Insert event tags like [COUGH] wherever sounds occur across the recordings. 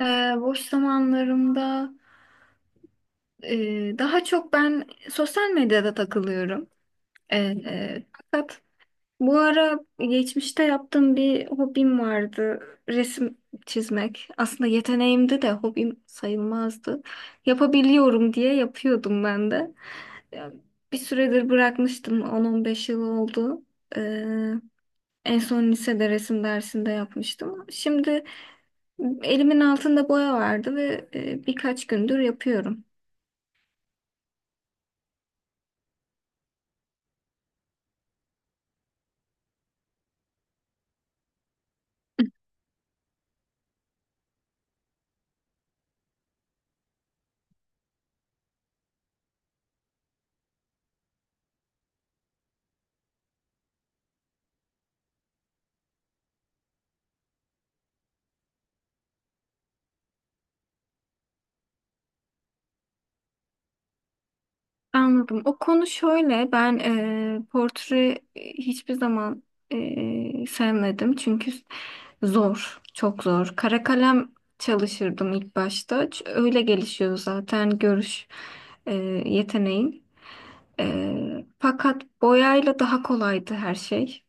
Ee, Boş zamanlarımda daha çok ben sosyal medyada takılıyorum. Ee, Fakat bu ara geçmişte yaptığım bir hobim vardı. Resim çizmek. Aslında yeteneğimdi de hobim sayılmazdı. Yapabiliyorum diye yapıyordum ben de. Ya, bir süredir bırakmıştım. 10-15 yıl oldu. Ee, En son lisede resim dersinde yapmıştım. Şimdi elimin altında boya vardı ve birkaç gündür yapıyorum. Anladım. O konu şöyle, ben portre hiçbir zaman sevmedim çünkü zor, çok zor. Kara kalem çalışırdım ilk başta. Öyle gelişiyor zaten görüş e, yeteneğin. Fakat boyayla daha kolaydı her şey.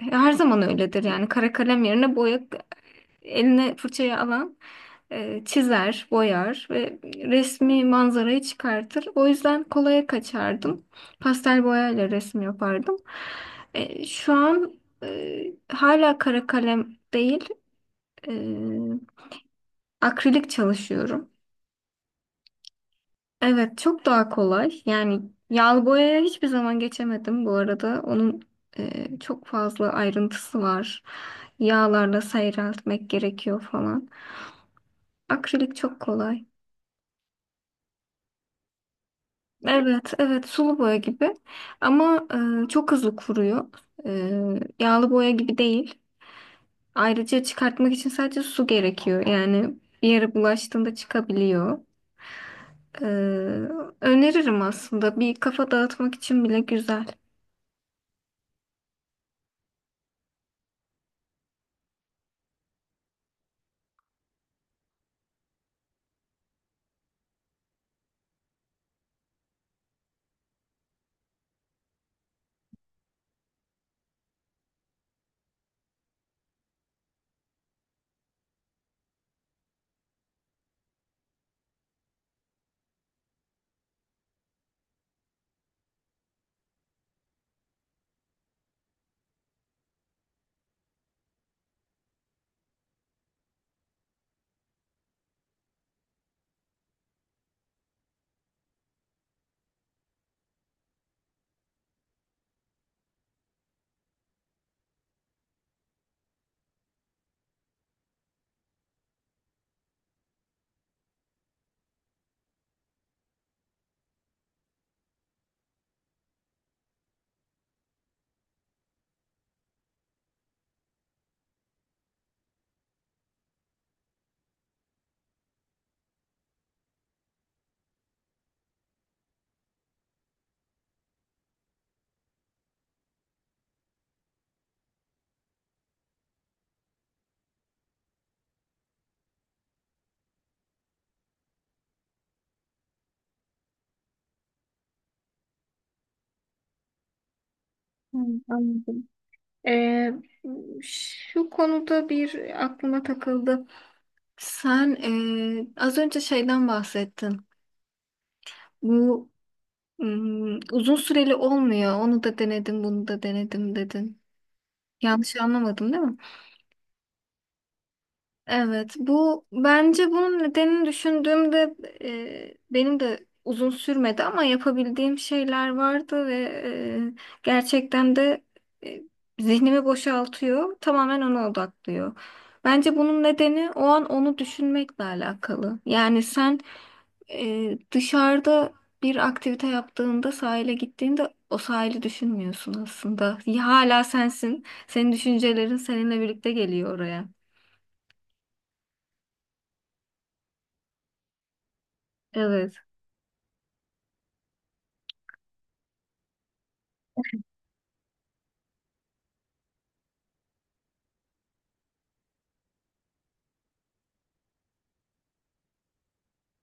Her zaman öyledir yani kara kalem yerine boya eline fırçayı alan çizer, boyar ve resmi manzarayı çıkartır. O yüzden kolaya kaçardım. Pastel boyayla resim yapardım. Şu an hala kara kalem değil, e, akrilik çalışıyorum. Evet, çok daha kolay. Yani yağlı boyaya hiçbir zaman geçemedim bu arada. Onun çok fazla ayrıntısı var. Yağlarla seyreltmek gerekiyor falan. Akrilik çok kolay. Evet, evet, sulu boya gibi ama çok hızlı kuruyor. Yağlı boya gibi değil. Ayrıca çıkartmak için sadece su gerekiyor. Yani bir yere bulaştığında çıkabiliyor. E, Öneririm aslında. Bir kafa dağıtmak için bile güzel. Hmm, anladım. E, Şu konuda bir aklıma takıldı. Sen az önce şeyden bahsettin. Bu uzun süreli olmuyor. Onu da denedim, bunu da denedim dedin. Yanlış anlamadım değil mi? Evet, bu bence bunun nedenini düşündüğümde benim de uzun sürmedi ama yapabildiğim şeyler vardı ve gerçekten de e, zihnimi boşaltıyor, tamamen ona odaklıyor. Bence bunun nedeni o an onu düşünmekle alakalı. Yani sen dışarıda bir aktivite yaptığında sahile gittiğinde o sahili düşünmüyorsun aslında. Hala sensin, senin düşüncelerin seninle birlikte geliyor oraya. Evet.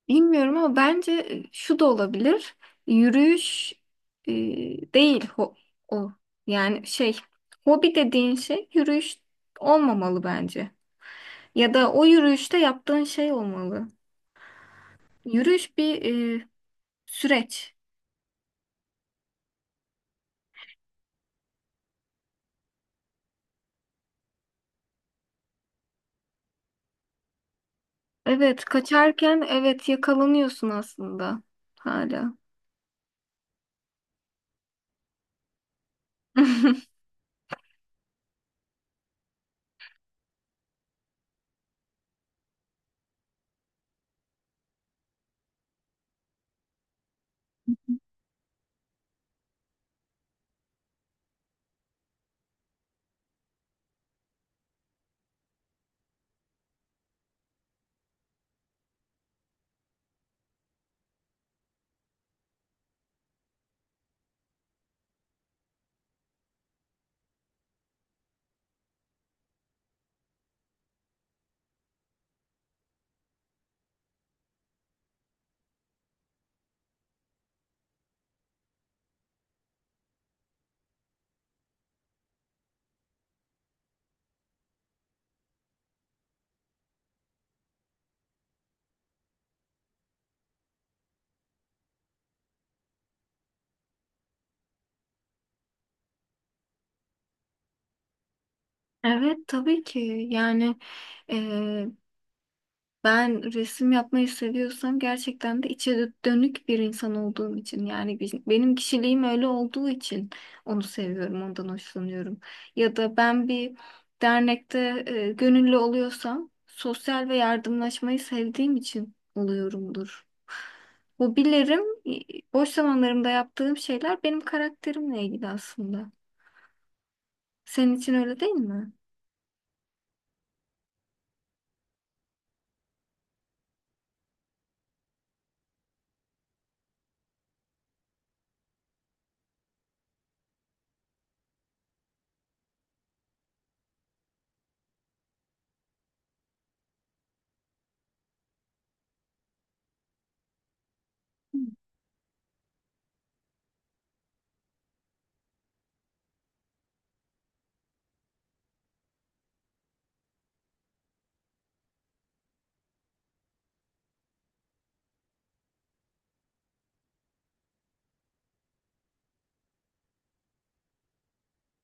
Bilmiyorum ama bence şu da olabilir. Yürüyüş e, değil ho- o. Yani şey, hobi dediğin şey yürüyüş olmamalı bence. Ya da o yürüyüşte yaptığın şey olmalı. Yürüyüş bir e, süreç. Evet, kaçarken, evet, yakalanıyorsun aslında hala. [LAUGHS] Evet, tabii ki. Yani e, Ben resim yapmayı seviyorsam gerçekten de içe dönük bir insan olduğum için, yani benim kişiliğim öyle olduğu için onu seviyorum, ondan hoşlanıyorum. Ya da ben bir dernekte gönüllü oluyorsam sosyal ve yardımlaşmayı sevdiğim için oluyorumdur. Hobilerim, e, boş zamanlarımda yaptığım şeyler benim karakterimle ilgili aslında. Senin için öyle değil mi?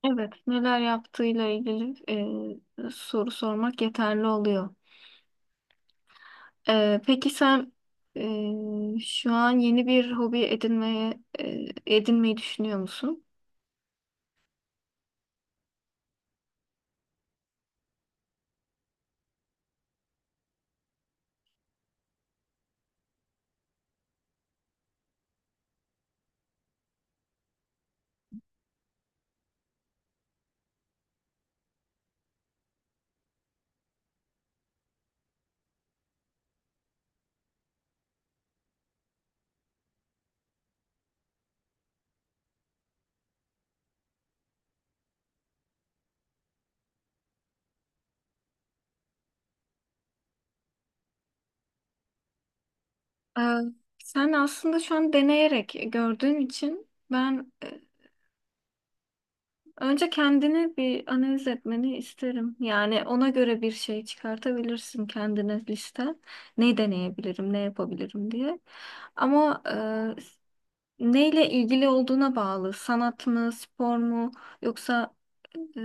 Evet, neler yaptığıyla ilgili soru sormak yeterli oluyor. Peki sen şu an yeni bir hobi edinmeyi düşünüyor musun? Ee, Sen aslında şu an deneyerek gördüğün için ben önce kendini bir analiz etmeni isterim. Yani ona göre bir şey çıkartabilirsin kendine liste. Ne deneyebilirim, ne yapabilirim diye. Ama neyle ilgili olduğuna bağlı. Sanat mı, spor mu, yoksa e,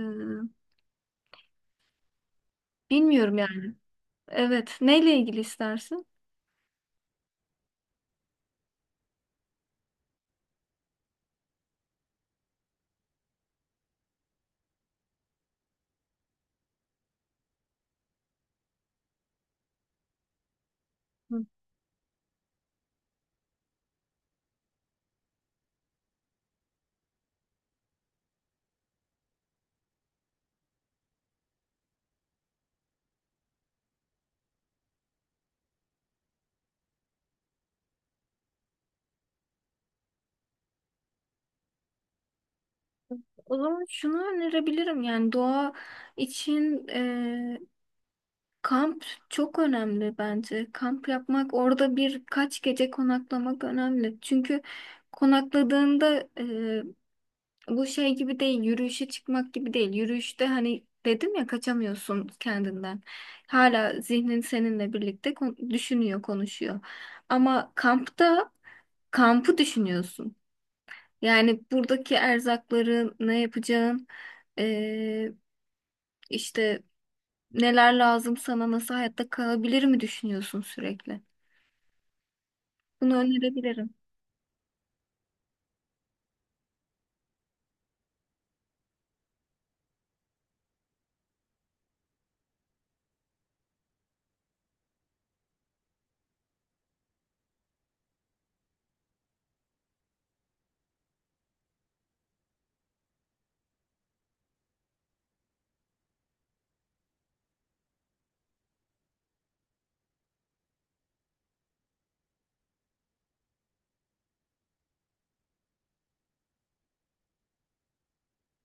bilmiyorum. Evet, neyle ilgili istersin? Hı. O zaman şunu önerebilirim, yani doğa için kamp çok önemli bence. Kamp yapmak, orada birkaç gece konaklamak önemli. Çünkü konakladığında bu şey gibi değil, yürüyüşe çıkmak gibi değil. Yürüyüşte, hani dedim ya, kaçamıyorsun kendinden. Hala zihnin seninle birlikte düşünüyor, konuşuyor. Ama kampta kampı düşünüyorsun. Yani buradaki erzakları ne yapacağın, eee, işte neler lazım sana, nasıl hayatta kalabilir mi düşünüyorsun sürekli? Bunu önerebilirim.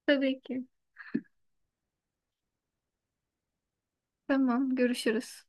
Tabii ki. Tamam, görüşürüz.